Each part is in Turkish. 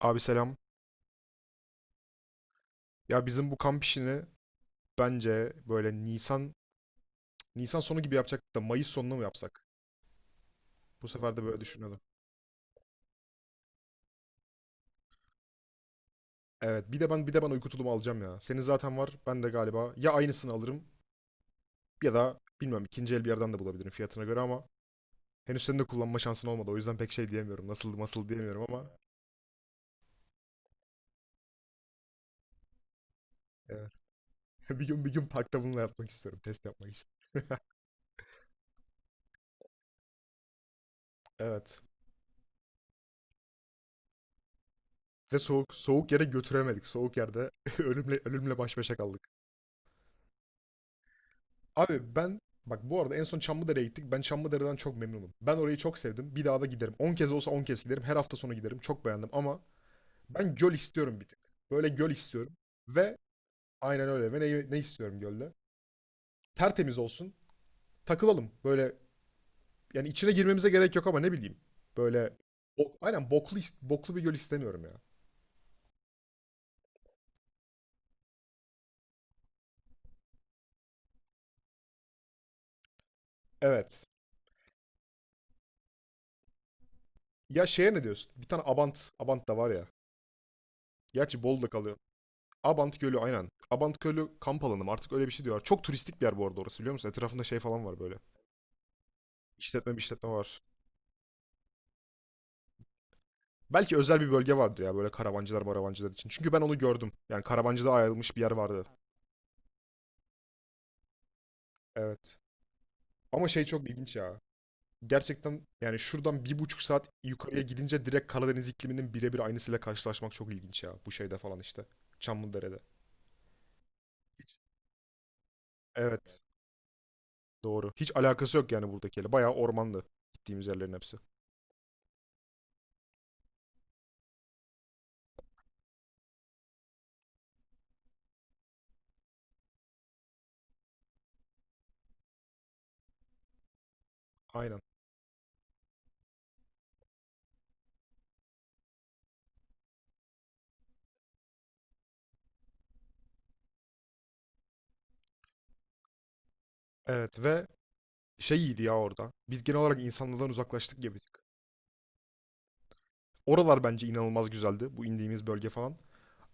Abi selam. Ya bizim bu kamp işini bence böyle Nisan sonu gibi yapacaktık da Mayıs sonuna mı yapsak? Bu sefer de böyle düşünüyordum. Evet, bir de ben uyku tulumu alacağım ya. Senin zaten var. Ben de galiba ya aynısını alırım ya da bilmem ikinci el bir yerden de bulabilirim fiyatına göre ama henüz senin de kullanma şansın olmadı. O yüzden pek şey diyemiyorum. Nasıl nasıl diyemiyorum ama evet. Bir gün bir gün parkta bununla yapmak istiyorum. Test yapmak için. Evet. Ve soğuk soğuk yere götüremedik. Soğuk yerde ölümle ölümle baş başa kaldık. Abi ben bak bu arada en son Çamlıdere'ye gittik. Ben Çamlıdere'den çok memnunum. Ben orayı çok sevdim. Bir daha da giderim. 10 kez olsa 10 kez giderim. Her hafta sonu giderim. Çok beğendim ama ben göl istiyorum bir tık. Böyle göl istiyorum. Ve aynen öyle. Ve ne istiyorum gölde? Tertemiz olsun. Takılalım. Böyle yani içine girmemize gerek yok ama ne bileyim. Böyle boklu bir göl istemiyorum ya. Evet. Ya şeye ne diyorsun? Bir tane Abant da var ya. Gerçi Bolu'da kalıyor. Abant Gölü aynen. Abant Gölü kamp alanı mı? Artık öyle bir şey diyorlar. Çok turistik bir yer bu arada orası biliyor musun? Etrafında şey falan var böyle. Bir işletme var. Belki özel bir bölge vardı ya böyle karavancılar maravancılar için. Çünkü ben onu gördüm. Yani karavancıda ayrılmış bir yer vardı. Evet. Ama şey çok ilginç ya. Gerçekten yani şuradan bir buçuk saat yukarıya gidince direkt Karadeniz ikliminin birebir aynısıyla karşılaşmak çok ilginç ya. Bu şeyde falan işte. Çamlıdere'de. Hiç- Evet. Doğru. Hiç alakası yok yani buradakiyle. Bayağı ormanlı gittiğimiz yerlerin hepsi. Aynen. Evet ve şey iyiydi ya orada. Biz genel olarak insanlardan uzaklaştık ya birazcık. Oralar bence inanılmaz güzeldi. Bu indiğimiz bölge falan.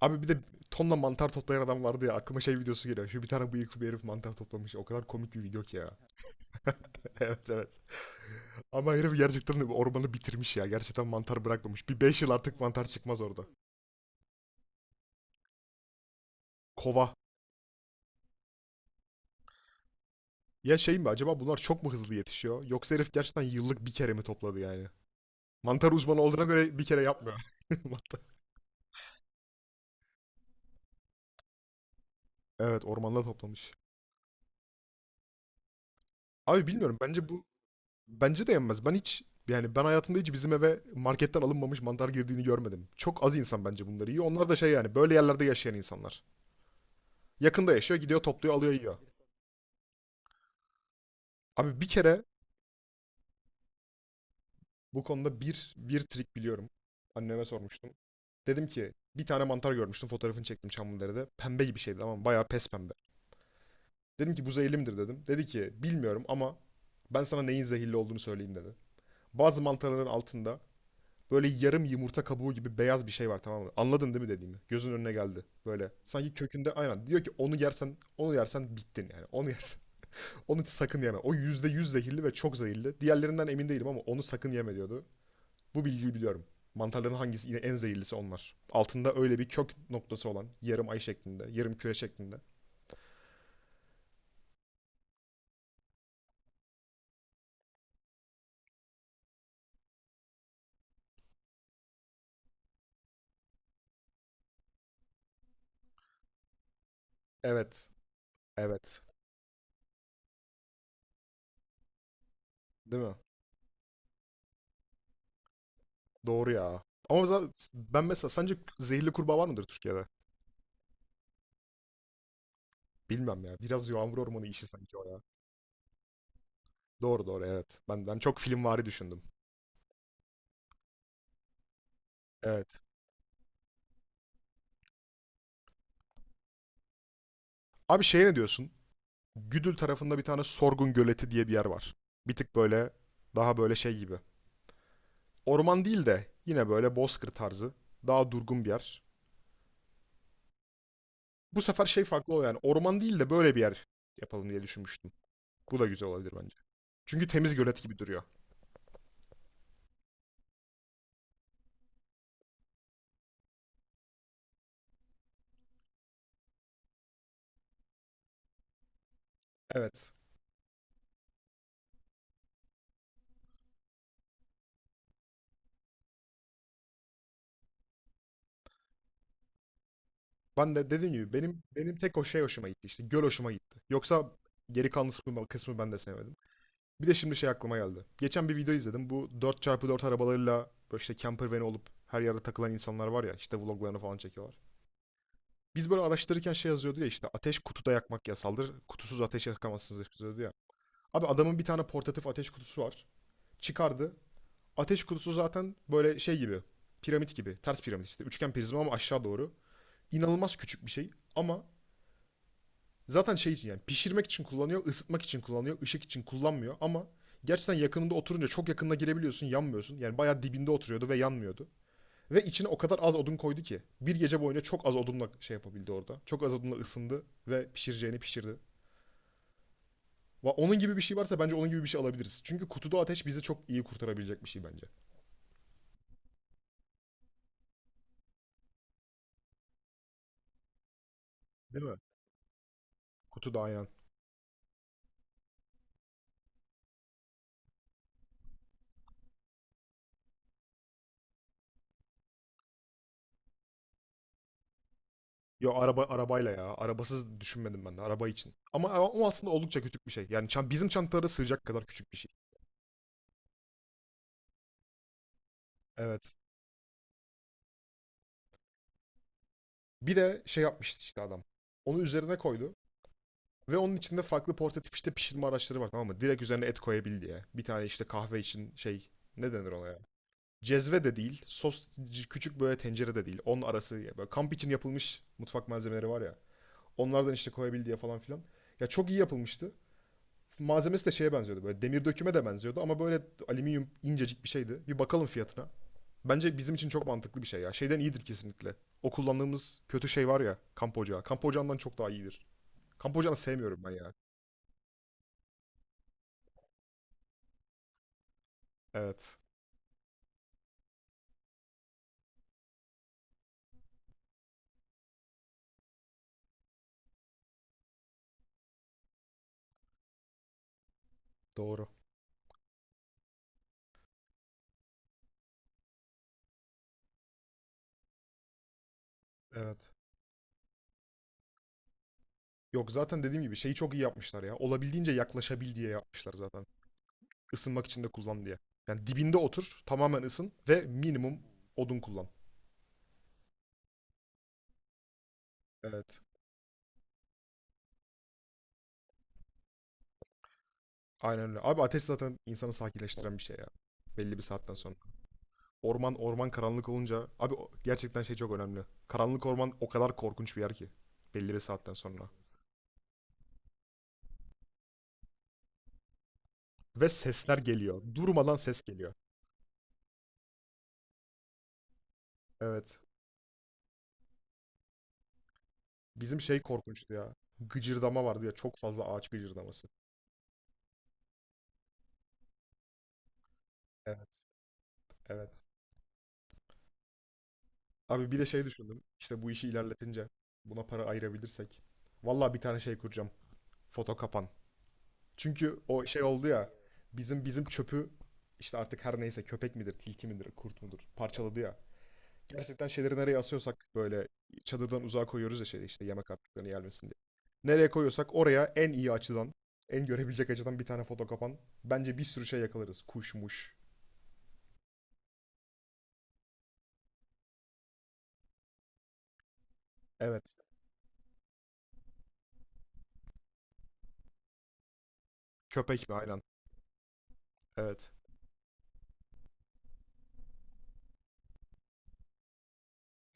Abi bir de tonla mantar toplayan adam vardı ya. Aklıma şey videosu geliyor. Şu bir tane bıyıklı bir herif mantar toplamış. O kadar komik bir video ki ya. Evet, evet. Ama herif gerçekten de ormanı bitirmiş ya. Gerçekten mantar bırakmamış. Bir 5 yıl artık mantar çıkmaz orada. Kova. Ya şey mi acaba bunlar çok mu hızlı yetişiyor? Yoksa herif gerçekten yıllık bir kere mi topladı yani? Mantar uzmanı olduğuna göre bir kere yapmıyor. Mantar- Evet ormanda toplamış. Abi bilmiyorum bence bu bence de yenmez. Ben hiç yani ben hayatımda hiç bizim eve marketten alınmamış mantar girdiğini görmedim. Çok az insan bence bunları yiyor. Onlar da şey yani böyle yerlerde yaşayan insanlar. Yakında yaşıyor, gidiyor, topluyor, alıyor, yiyor. Abi bir kere bu konuda bir trik biliyorum. Anneme sormuştum. Dedim ki bir tane mantar görmüştüm. Fotoğrafını çektim Çamlıdere'de. Pembe gibi şeydi ama bayağı pes pembe. Dedim ki bu zehirli midir dedim. Dedi ki bilmiyorum ama ben sana neyin zehirli olduğunu söyleyeyim dedi. Bazı mantarların altında böyle yarım yumurta kabuğu gibi beyaz bir şey var tamam mı? Anladın değil mi dediğimi? Gözün önüne geldi. Böyle. Sanki kökünde aynen. Diyor ki onu yersen, onu yersen bittin yani. Onu yersen. Onu sakın yeme. O %100 zehirli ve çok zehirli. Diğerlerinden emin değilim ama onu sakın yeme diyordu. Bu bilgiyi biliyorum. Mantarların hangisi yine en zehirlisi onlar. Altında öyle bir kök noktası olan yarım ay şeklinde, yarım küre şeklinde. Evet. Evet. Değil mi? Doğru ya. Ama mesela- ben mesela sence zehirli kurbağa var mıdır Türkiye'de? Bilmem ya. Biraz yağmur ormanı işi sanki o ya. Doğru doğru evet. Ben çok filmvari düşündüm. Evet. Abi şeye ne diyorsun? Güdül tarafında bir tane Sorgun Göleti diye bir yer var. Bir tık böyle daha böyle şey gibi. Orman değil de yine böyle bozkır tarzı. Daha durgun bir yer. Bu sefer şey farklı oluyor yani orman değil de böyle bir yer yapalım diye düşünmüştüm. Bu da güzel olabilir bence. Çünkü temiz gölet gibi duruyor. Evet. Ben de dediğim gibi benim tek o şey hoşuma gitti işte göl hoşuma gitti. Yoksa geri kalan kısmı ben de sevmedim. Bir de şimdi şey aklıma geldi. Geçen bir video izledim. Bu dört çarpı dört arabalarıyla böyle işte camper van olup her yerde takılan insanlar var ya işte vloglarını falan çekiyorlar. Biz böyle araştırırken şey yazıyordu ya işte ateş kutuda yakmak yasaldır. Kutusuz ateş yakamazsınız yazıyordu ya. Abi adamın bir tane portatif ateş kutusu var. Çıkardı. Ateş kutusu zaten böyle şey gibi. Piramit gibi. Ters piramit işte. Üçgen prizma ama aşağı doğru. İnanılmaz küçük bir şey. Ama zaten şey için yani pişirmek için kullanıyor, ısıtmak için kullanıyor, ışık için kullanmıyor ama gerçekten yakınında oturunca çok yakınına girebiliyorsun, yanmıyorsun. Yani bayağı dibinde oturuyordu ve yanmıyordu. Ve içine o kadar az odun koydu ki bir gece boyunca çok az odunla şey yapabildi orada. Çok az odunla ısındı ve pişireceğini pişirdi. Onun gibi bir şey varsa bence onun gibi bir şey alabiliriz. Çünkü kutuda ateş bizi çok iyi kurtarabilecek bir şey bence. Değil mi? Kutuda aynen. Yo arabayla ya. Arabasız düşünmedim ben de araba için. Ama o aslında oldukça küçük bir şey. Yani bizim çantalara sığacak kadar küçük bir şey. Evet. Bir de şey yapmıştı işte adam. Onu üzerine koydu. Ve onun içinde farklı portatif işte pişirme araçları var tamam mı? Direkt üzerine et koyabil diye. Bir tane işte kahve için şey, ne denir ona ya? Cezve de değil. Sos küçük böyle tencere de değil. Onun arası böyle kamp için yapılmış mutfak malzemeleri var ya. Onlardan işte koyabil diye falan filan. Ya çok iyi yapılmıştı. Malzemesi de şeye benziyordu böyle demir döküme de benziyordu ama böyle alüminyum incecik bir şeydi. Bir bakalım fiyatına. Bence bizim için çok mantıklı bir şey ya. Şeyden iyidir kesinlikle. O kullandığımız kötü şey var ya, kamp ocağı. Kamp ocağından çok daha iyidir. Kamp ocağını sevmiyorum ben ya. Evet, doğru. Evet. Yok zaten dediğim gibi şeyi çok iyi yapmışlar ya. Olabildiğince yaklaşabil diye yapmışlar zaten. Isınmak için de kullan diye. Yani dibinde otur, tamamen ısın ve minimum odun kullan. Evet. Aynen öyle. Abi ateş zaten insanı sakinleştiren bir şey ya. Belli bir saatten sonra. Orman orman karanlık olunca abi gerçekten şey çok önemli. Karanlık orman o kadar korkunç bir yer ki belli bir saatten sonra. Ve sesler geliyor. Durmadan ses geliyor. Evet. Bizim şey korkunçtu ya. Gıcırdama vardı ya çok fazla ağaç gıcırdaması. Evet, evet. Abi bir de şey düşündüm. İşte bu işi ilerletince buna para ayırabilirsek vallahi bir tane şey kuracağım. Foto kapan. Çünkü o şey oldu ya. Bizim çöpü işte artık her neyse köpek midir, tilki midir, kurt mudur parçaladı ya. Gerçekten şeyleri nereye asıyorsak böyle çadırdan uzağa koyuyoruz ya şey işte yemek artıklarını yermesin diye. Nereye koyuyorsak oraya en iyi açıdan, en görebilecek açıdan bir tane foto kapan. Bence bir sürü şey yakalarız. Kuşmuş. Evet. Köpek mi? Aynen. Evet.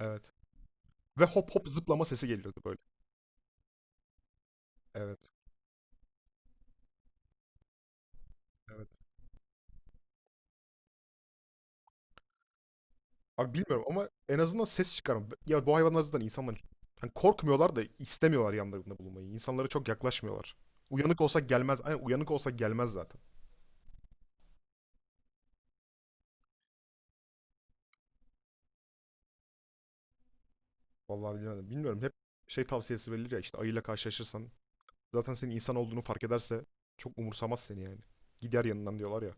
Evet. Ve hop hop zıplama sesi geliyordu böyle. Evet. Evet. Abi bilmiyorum ama en azından ses çıkarım. Ya bu hayvanlar zaten insanlar hani korkmuyorlar da istemiyorlar yanlarında bulunmayı. İnsanlara çok yaklaşmıyorlar. Uyanık olsak gelmez. Aynen uyanık olsak gelmez zaten. Vallahi bilmiyorum, bilmiyorum. Hep şey tavsiyesi verilir ya işte ayıyla karşılaşırsan zaten senin insan olduğunu fark ederse çok umursamaz seni yani. Gider yanından diyorlar ya.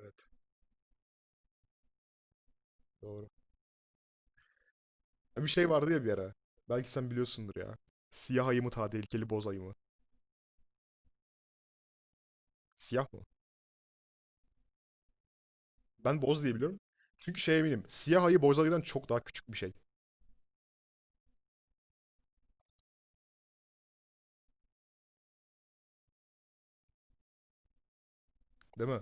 Evet, doğru. Ya bir şey vardı ya bir ara. Belki sen biliyorsundur ya. Siyah ayı mı daha tehlikeli boz ayı mı? Siyah mı? Ben boz diye biliyorum. Çünkü şey eminim. Siyah ayı boz ayıdan çok daha küçük bir şey. Değil mi?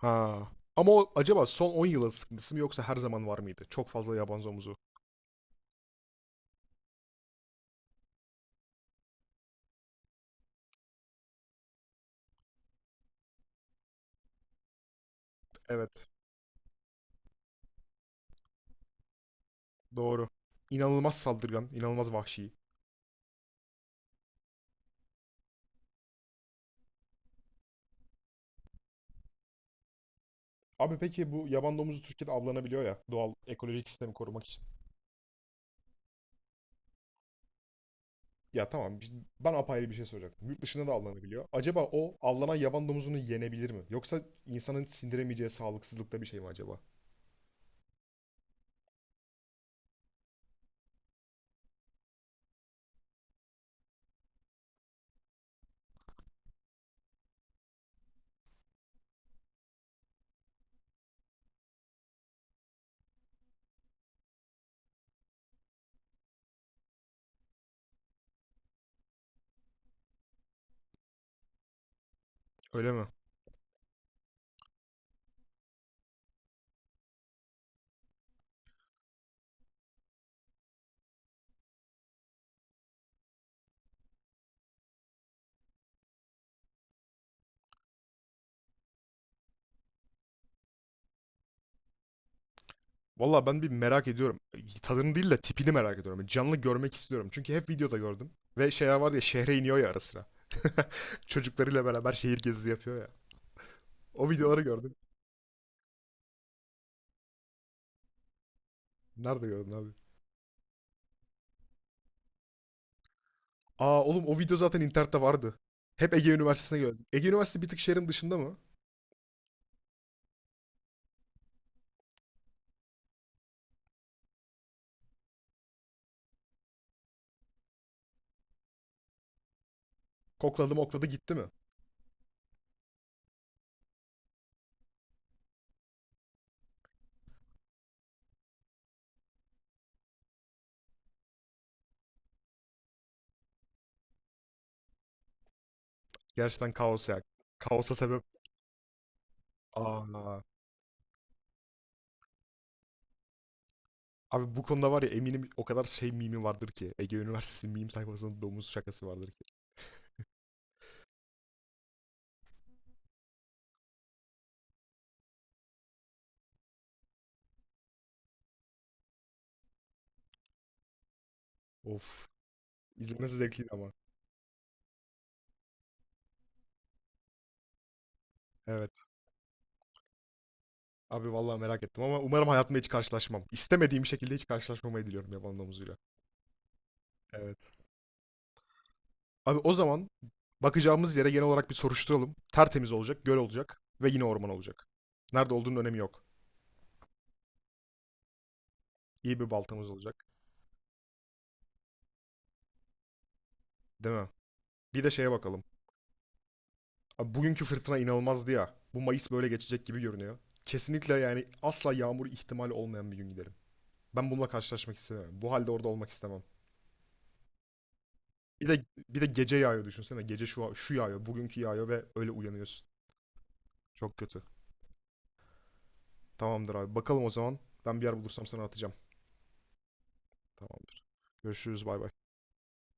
Ha. Ama o acaba son 10 yılın sıkıntısı mı yoksa her zaman var mıydı? Çok fazla yaban domuzu. Evet. Doğru. İnanılmaz saldırgan, inanılmaz vahşi. Abi peki bu yaban domuzu Türkiye'de avlanabiliyor ya doğal ekolojik sistemi korumak için. Ya tamam ben apayrı bir şey soracaktım. Yurt dışında da avlanabiliyor. Acaba o avlanan yaban domuzunu yenebilir mi? Yoksa insanın sindiremeyeceği sağlıksızlıkta bir şey mi acaba? Öyle mi? Valla ben bir merak ediyorum. Tadını değil de tipini merak ediyorum. Yani canlı görmek istiyorum. Çünkü hep videoda gördüm. Ve şeyler var ya şehre iniyor ya ara sıra. Çocuklarıyla beraber şehir gezisi yapıyor ya. O videoları gördüm. Nerede gördün abi? Aa oğlum o video zaten internette vardı. Hep Ege Üniversitesi'ne gördüm. Ege Üniversitesi bir tık şehrin dışında mı? Kokladı mokladı gitti mi? Gerçekten kaos ya. Kaosa sebep. Aa. Abi bu konuda var ya eminim o kadar şey mimi vardır ki. Ege Üniversitesi'nin meme sayfasında domuz şakası vardır ki. Of. İzlemesi zevkliydi ama. Evet. Abi vallahi merak ettim ama umarım hayatımda hiç karşılaşmam. İstemediğim şekilde hiç karşılaşmamayı diliyorum yaban domuzuyla. Evet. Abi o zaman bakacağımız yere genel olarak bir soruşturalım. Tertemiz olacak, göl olacak ve yine orman olacak. Nerede olduğunun önemi yok. İyi bir baltamız olacak. Değil mi? Bir de şeye bakalım. Abi bugünkü fırtına inanılmazdı ya. Bu Mayıs böyle geçecek gibi görünüyor. Kesinlikle yani asla yağmur ihtimali olmayan bir gün giderim. Ben bununla karşılaşmak istemem. Bu halde orada olmak istemem. Bir de gece yağıyor düşünsene. Gece şu yağıyor, bugünkü yağıyor ve öyle uyanıyorsun. Çok kötü. Tamamdır abi. Bakalım o zaman. Ben bir yer bulursam sana atacağım. Tamamdır. Görüşürüz. Bay bay.